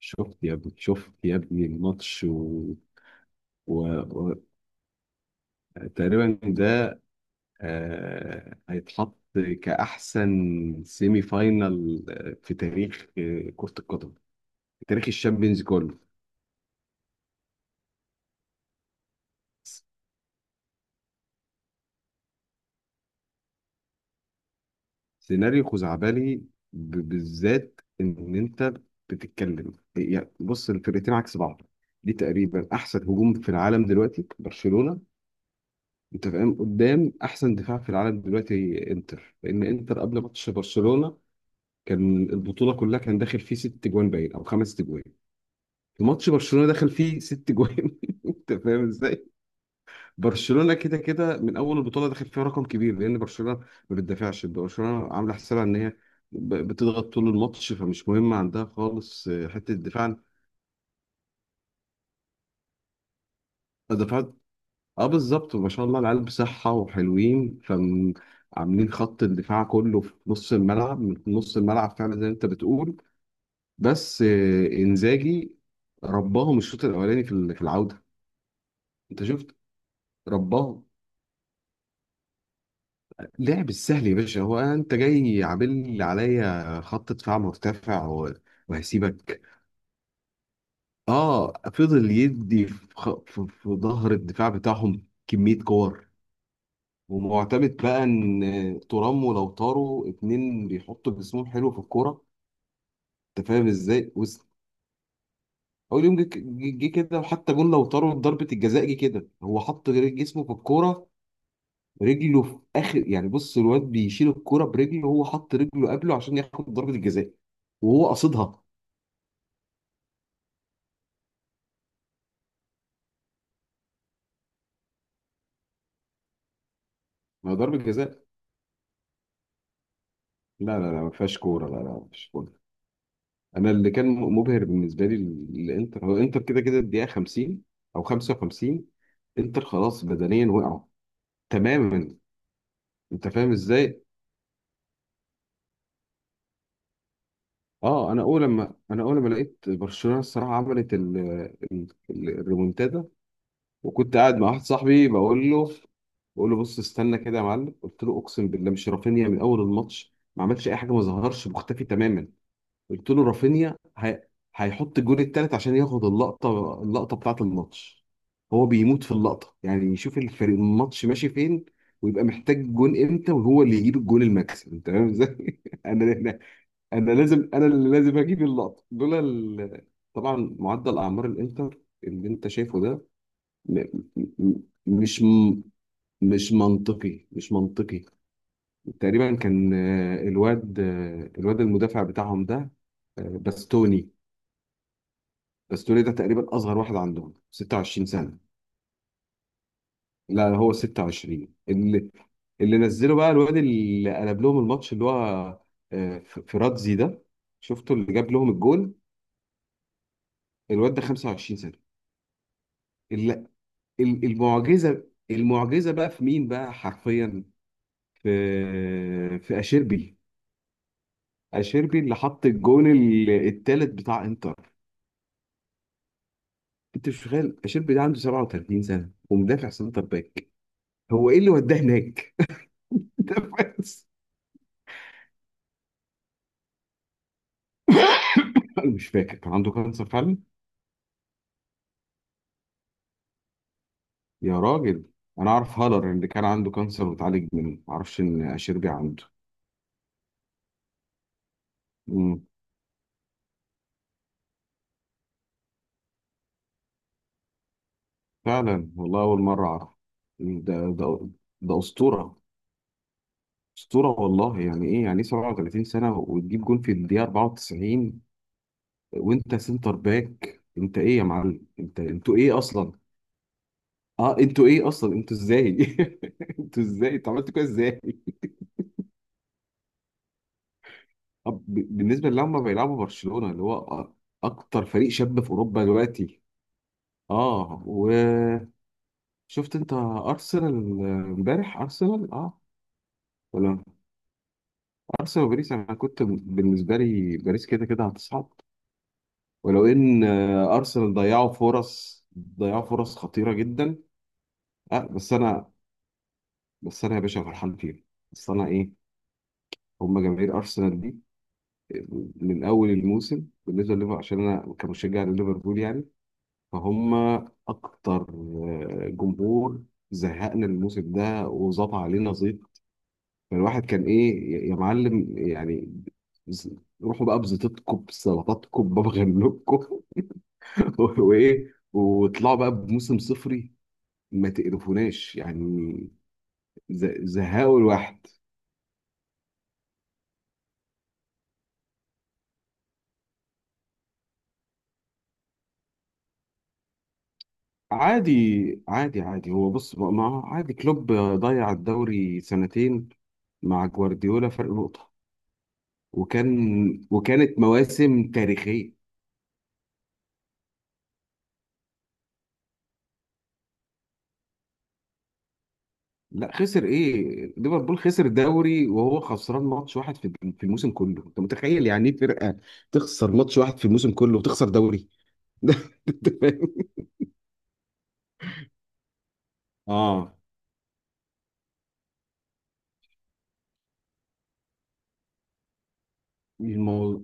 شفت يا ابني، شفت يا ابني الماتش و... و... تقريبا ده هيتحط كأحسن سيمي فاينال، في تاريخ، كرة القدم، في تاريخ الشامبيونز كله. سيناريو خزعبلي، بالذات إن أنت بتتكلم، يعني بص الفرقتين عكس بعض. دي تقريبا أحسن هجوم في العالم دلوقتي برشلونة، أنت فاهم، قدام أحسن دفاع في العالم دلوقتي إنتر. لأن إنتر قبل ماتش برشلونة كان البطوله كلها كان داخل فيه ست جوان باين او خمس جوان. في ماتش برشلونه دخل فيه ست جوان انت فاهم ازاي. برشلونه كده كده من اول البطوله داخل فيها رقم كبير، لان برشلونه ما بتدافعش. برشلونه عامله حسابها ان هي بتضغط طول الماتش، فمش مهم عندها خالص حته الدفاع. الدفاع اه بالظبط، ما شاء الله، العيال بصحه وحلوين، فعاملين خط الدفاع كله في نص الملعب، من نص الملعب فعلا زي ما انت بتقول. بس انزاجي رباهم الشوط الاولاني في في العوده. انت شفت، رباهم. لعب السهل يا باشا، هو انت جاي عامل لي عليا خط دفاع مرتفع و- وهسيبك. اه، فضل يدي في في ظهر الدفاع بتاعهم كميه كور، ومعتمد بقى ان ترام ولو طاروا اتنين بيحطوا جسمهم حلو في الكوره. انت فاهم ازاي؟ وس- اول يوم جه كده، وحتى جون لو طاروا ضربه الجزاء جه كده، هو حط جسمه في الكوره، رجله في اخر، يعني بص الواد بيشيل الكرة برجله وهو حط رجله قبله عشان ياخد ضربة الجزاء، وهو قصدها. ما هي ضربة جزاء. لا لا لا، ما فيهاش كورة، لا لا، ما فيهاش كورة. انا اللي كان مبهر بالنسبة لي الانتر، هو انتر كده كده الدقيقة 50 او 55، انتر خلاص بدنيا وقعوا تماما. انت فاهم ازاي؟ اه، انا اول ما لقيت برشلونة الصراحة عملت الريمونتادا. وكنت قاعد مع واحد صاحبي بقول له، بص استنى كده يا معلم، قلت له اقسم بالله مش رافينيا من اول الماتش ما عملش اي حاجه، ما ظهرش، مختفي تماما. قلت له رافينيا هيحط الجول الثالث عشان ياخد اللقطه، اللقطه بتاعه الماتش. هو بيموت في اللقطه، يعني يشوف الفريق الماتش ماشي فين ويبقى محتاج جون امتى، وهو اللي يجيب الجول المكسب. انت فاهم ازاي؟ انا اللي لازم اجيب اللقطه دول طبعا معدل اعمار الانتر اللي انت شايفه ده م... م... م- مش مش منطقي، مش منطقي. تقريبا كان، الواد، الواد المدافع بتاعهم ده، باستوني. باستوني ده تقريبا اصغر واحد عندهم، 26 سنة. لا، هو 26 اللي، اللي نزله بقى الواد اللي قلب لهم الماتش، اللي هو فراتزي ده، شفته اللي جاب لهم الجول. الواد ده 25 سنة. ال- المعجزة، المعجزة بقى في مين بقى حرفيا؟ في في أشيربي. اشيربي اللي حط الجون التالت بتاع انتر. انت مش متخيل، اشيربي ده عنده 37 سنه، ومدافع سنتر باك. هو ايه اللي وداه هناك؟ ده بس. انا مش فاكر كان عنده كانسر فعلا. يا راجل، انا اعرف هالر اللي كان عنده كانسر واتعالج منه، ما اعرفش ان اشيربي عنده. امم، فعلا والله، اول مره اعرف. ده ده ده اسطوره، اسطوره والله. يعني ايه يعني ايه 37 سنه وتجيب جون في الدقيقه 94، وانت سنتر باك؟ انت ايه يا معلم، انت انتوا ايه اصلا؟ اه، انتوا ايه اصلا، انتوا ازاي؟ انتوا ازاي انتوا عملتوا كده ازاي؟ طب، ب- بالنسبه اللي هم بيلعبوا برشلونه، اللي هو أ- اكتر فريق شاب في اوروبا دلوقتي. اه، وشفت انت ارسنال، امبارح ارسنال؟ اه، ولا ارسنال وباريس؟ انا كنت بالنسبه لي باريس كده كده هتصعد، ولو ان ارسنال ضيعوا فرص، ضيعوا فرص خطيره جدا. آه، بس انا يا باشا فرحان فيهم. بس انا ايه، هم جماهير ارسنال من اول الموسم، بالنسبه لليفر، عشان انا كمشجع لليفربول يعني، فهم اكتر جمهور زهقنا الموسم ده وظبط علينا زيط. فالواحد كان ايه يا معلم يعني، ز- روحوا بقى بزيطتكم، بسلطاتكم، بمغلوبكم، وايه، وطلعوا بقى بموسم صفري. ما تقرفوناش يعني، ز- زهقوا الواحد. عادي عادي، هو بص بقى، ما هو عادي، كلوب ضيع الدوري سنتين مع جوارديولا فرق نقطة. وكان وكانت مواسم تاريخية. لا، خسر ايه؟ ليفربول خسر الدوري وهو خسران ماتش واحد في الموسم كله. انت متخيل يعني ايه فرقة تخسر ماتش واحد في الموسم كله وتخسر دوري؟ أنت فاهم؟ اه، الموضوع،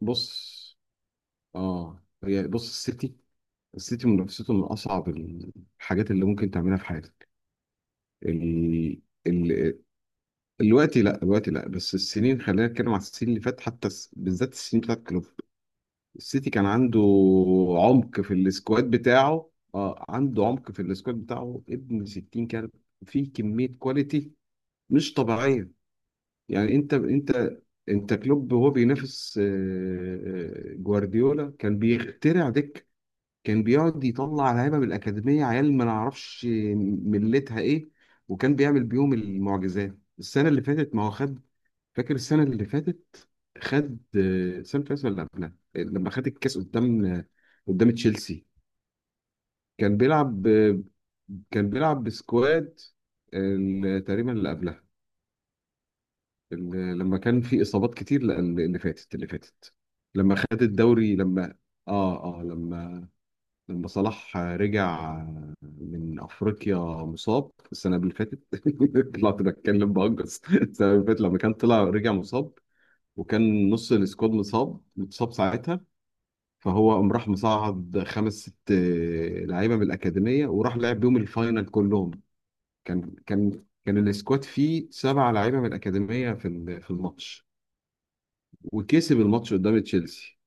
بص، اه، هي بص، السيتي منافسته من اصعب الحاجات اللي ممكن تعملها في حياتك. ال... ال... الوقت لا، الوقت لا، بس السنين، خلينا نتكلم على السنين اللي فاتت، حتى الس- بالذات السنين بتاعت كلوب. السيتي كان عنده عمق في السكواد بتاعه، اه عنده عمق في السكواد بتاعه ابن 60، كان في كمية كواليتي مش طبيعية. يعني انت كلوب، وهو بينافس، جوارديولا كان بيخترع دكة، كان بيقعد يطلع لعيبه من الاكاديميه، عيال ما نعرفش ملتها ايه، وكان بيعمل بيهم المعجزات. السنه اللي فاتت ما هو خد، فاكر السنه اللي فاتت، خد السنه اللي فاتت ولا قبلها، لما خد الكاس قدام، قدام تشيلسي. كان بيلعب بسكواد تقريبا اللي قبلها، لما كان في اصابات كتير. لا، اللي فاتت، لما خد الدوري، لما، اه اه، لما، لما صلاح رجع من افريقيا مصاب السنه اللي فاتت. طلعت بتكلم بهجس السنه اللي فاتت، لما كان طلع رجع مصاب، وكان نص السكواد مصاب متصاب ساعتها، فهو قام راح مصعد خمس ست لعيبه من الاكاديميه، وراح لعب بيهم الفاينل كلهم. كان السكواد فيه سبع لعيبه من الاكاديميه في في الماتش، وكسب الماتش قدام تشيلسي.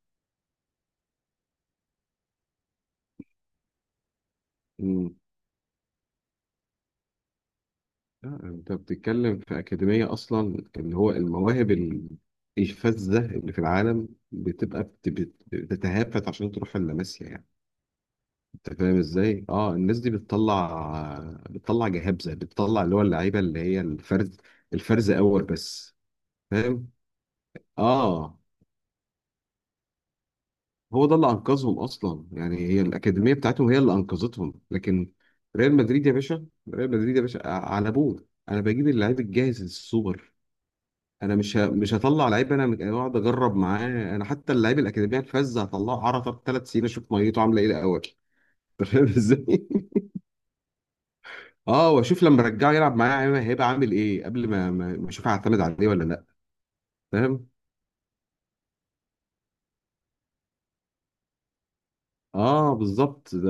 لا، انت بتتكلم في اكاديميه اصلا، اللي هو المواهب الفذه اللي في العالم بتبقى بتتهافت عشان تروح اللاماسيا يعني. انت فاهم ازاي؟ اه، الناس دي بتطلع، بتطلع جهابزه، بتطلع اللي هو اللعيبه اللي هي الفرز، الفرز اول بس. فاهم؟ اه، هو ده اللي انقذهم اصلا، يعني هي الاكاديميه بتاعتهم هي اللي انقذتهم. لكن ريال مدريد يا باشا، ريال مدريد يا باشا، ع- على ابوه، انا بجيب اللعيب الجاهز السوبر، انا مش ه- مش هطلع لعيب، انا مك- اقعد اجرب معاه. انا حتى اللعيب الاكاديميه الفذ هطلعه عرضه ثلاث سنين اشوف ميته عامله ايه الاول. أنت فاهم ازاي؟ اه، واشوف لما ارجعه يلعب معايا، أيوه هيبقى عامل ايه، قبل ما اشوف هعتمد عليه ولا لا. فاهم؟ اه بالظبط، ده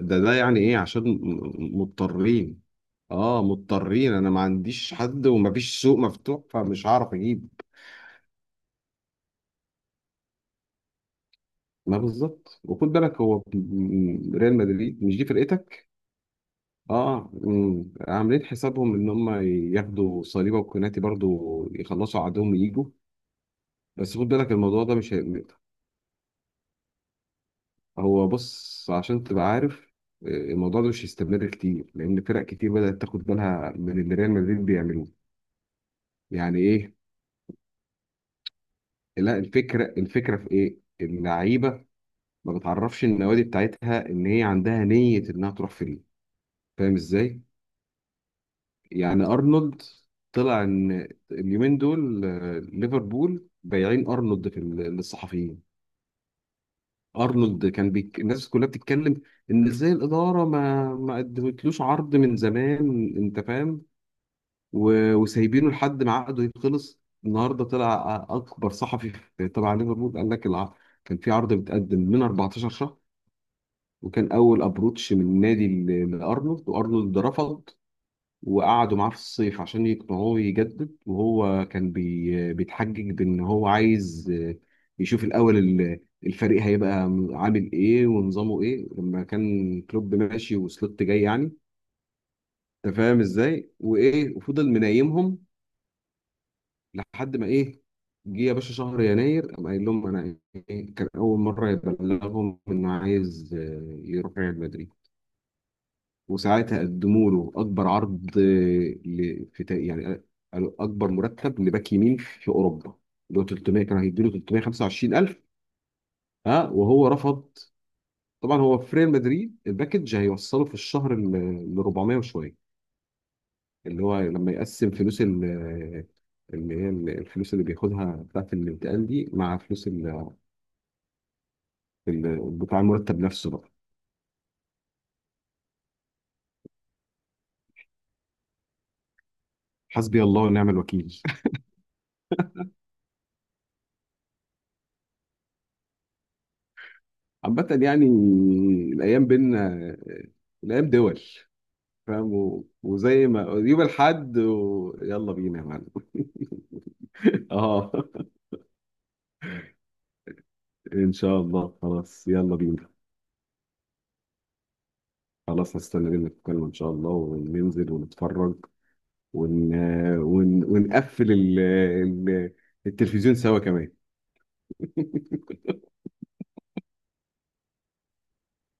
ده ده يعني ايه، عشان مضطرين. اه، مضطرين، انا ما عنديش حد ومفيش سوق مفتوح، فمش هعرف اجيب. ما بالظبط، وخد بالك هو ريال مدريد مش دي فرقتك. اه أمم، عاملين حسابهم ان هم ياخدوا صليبه وكوناتي برضو، يخلصوا عدوهم ويجوا. بس خد بالك الموضوع ده مش هو بص، عشان تبقى عارف، الموضوع ده مش هيستمر كتير، لان فرق كتير بدات تاخد بالها من اللي ريال مدريد بيعملوه. يعني ايه، لا الفكره، في ايه، اللعيبه ما بتعرفش النوادي بتاعتها ان هي عندها نيه انها تروح فريق. فاهم ازاي؟ يعني ارنولد، طلع ان اليومين دول، ليفربول بايعين ارنولد في للصحفيين. ارنولد كان الناس كلها بتتكلم ان ازاي الاداره ما ما قدمتلوش عرض من زمان، انت فاهم، وسايبينه لحد ما عقده يخلص. النهارده طلع اكبر صحفي في- تبع ليفربول، كان في عرض متقدم من 14 شهر، وكان اول ابروتش من النادي لارنولد، وارنولد رفض. وقعدوا معاه في الصيف عشان يقنعوه يجدد، وهو كان بيتحجج بان هو عايز، يشوف الاول الفريق هيبقى عامل ايه ونظامه ايه، لما كان كلوب ماشي وسلوت جاي يعني. انت فاهم ازاي؟ وايه، وفضل منايمهم لحد ما ايه، جه يا باشا شهر يناير، قام قايل لهم انا إيه، كان اول مره يبلغهم انه عايز يروح ريال مدريد. وساعتها قدموا له اكبر عرض، في تا- يعني قالوا اكبر مرتب لباك يمين في اوروبا، اللي هو 300، كان هيديله 325 الف. ها، وهو رفض. طبعا هو في ريال مدريد الباكج هيوصله في الشهر ل 400 وشويه، اللي هو لما يقسم فلوس ال، اللي هي الفلوس اللي بياخدها بتاعت الانتقال دي، مع فلوس بتاع المرتب نفسه بقى. حسبي الله ونعم الوكيل. عامة يعني، الأيام بينا، الأيام دول، فاهم، و- وزي ما يوم الحد يلا بينا يا معلم. اه ان شاء الله، خلاص يلا بينا. خلاص، هستنى منك الكلمة ان شاء الله، وننزل ونتفرج ون... ونقفل التلفزيون سوا كمان.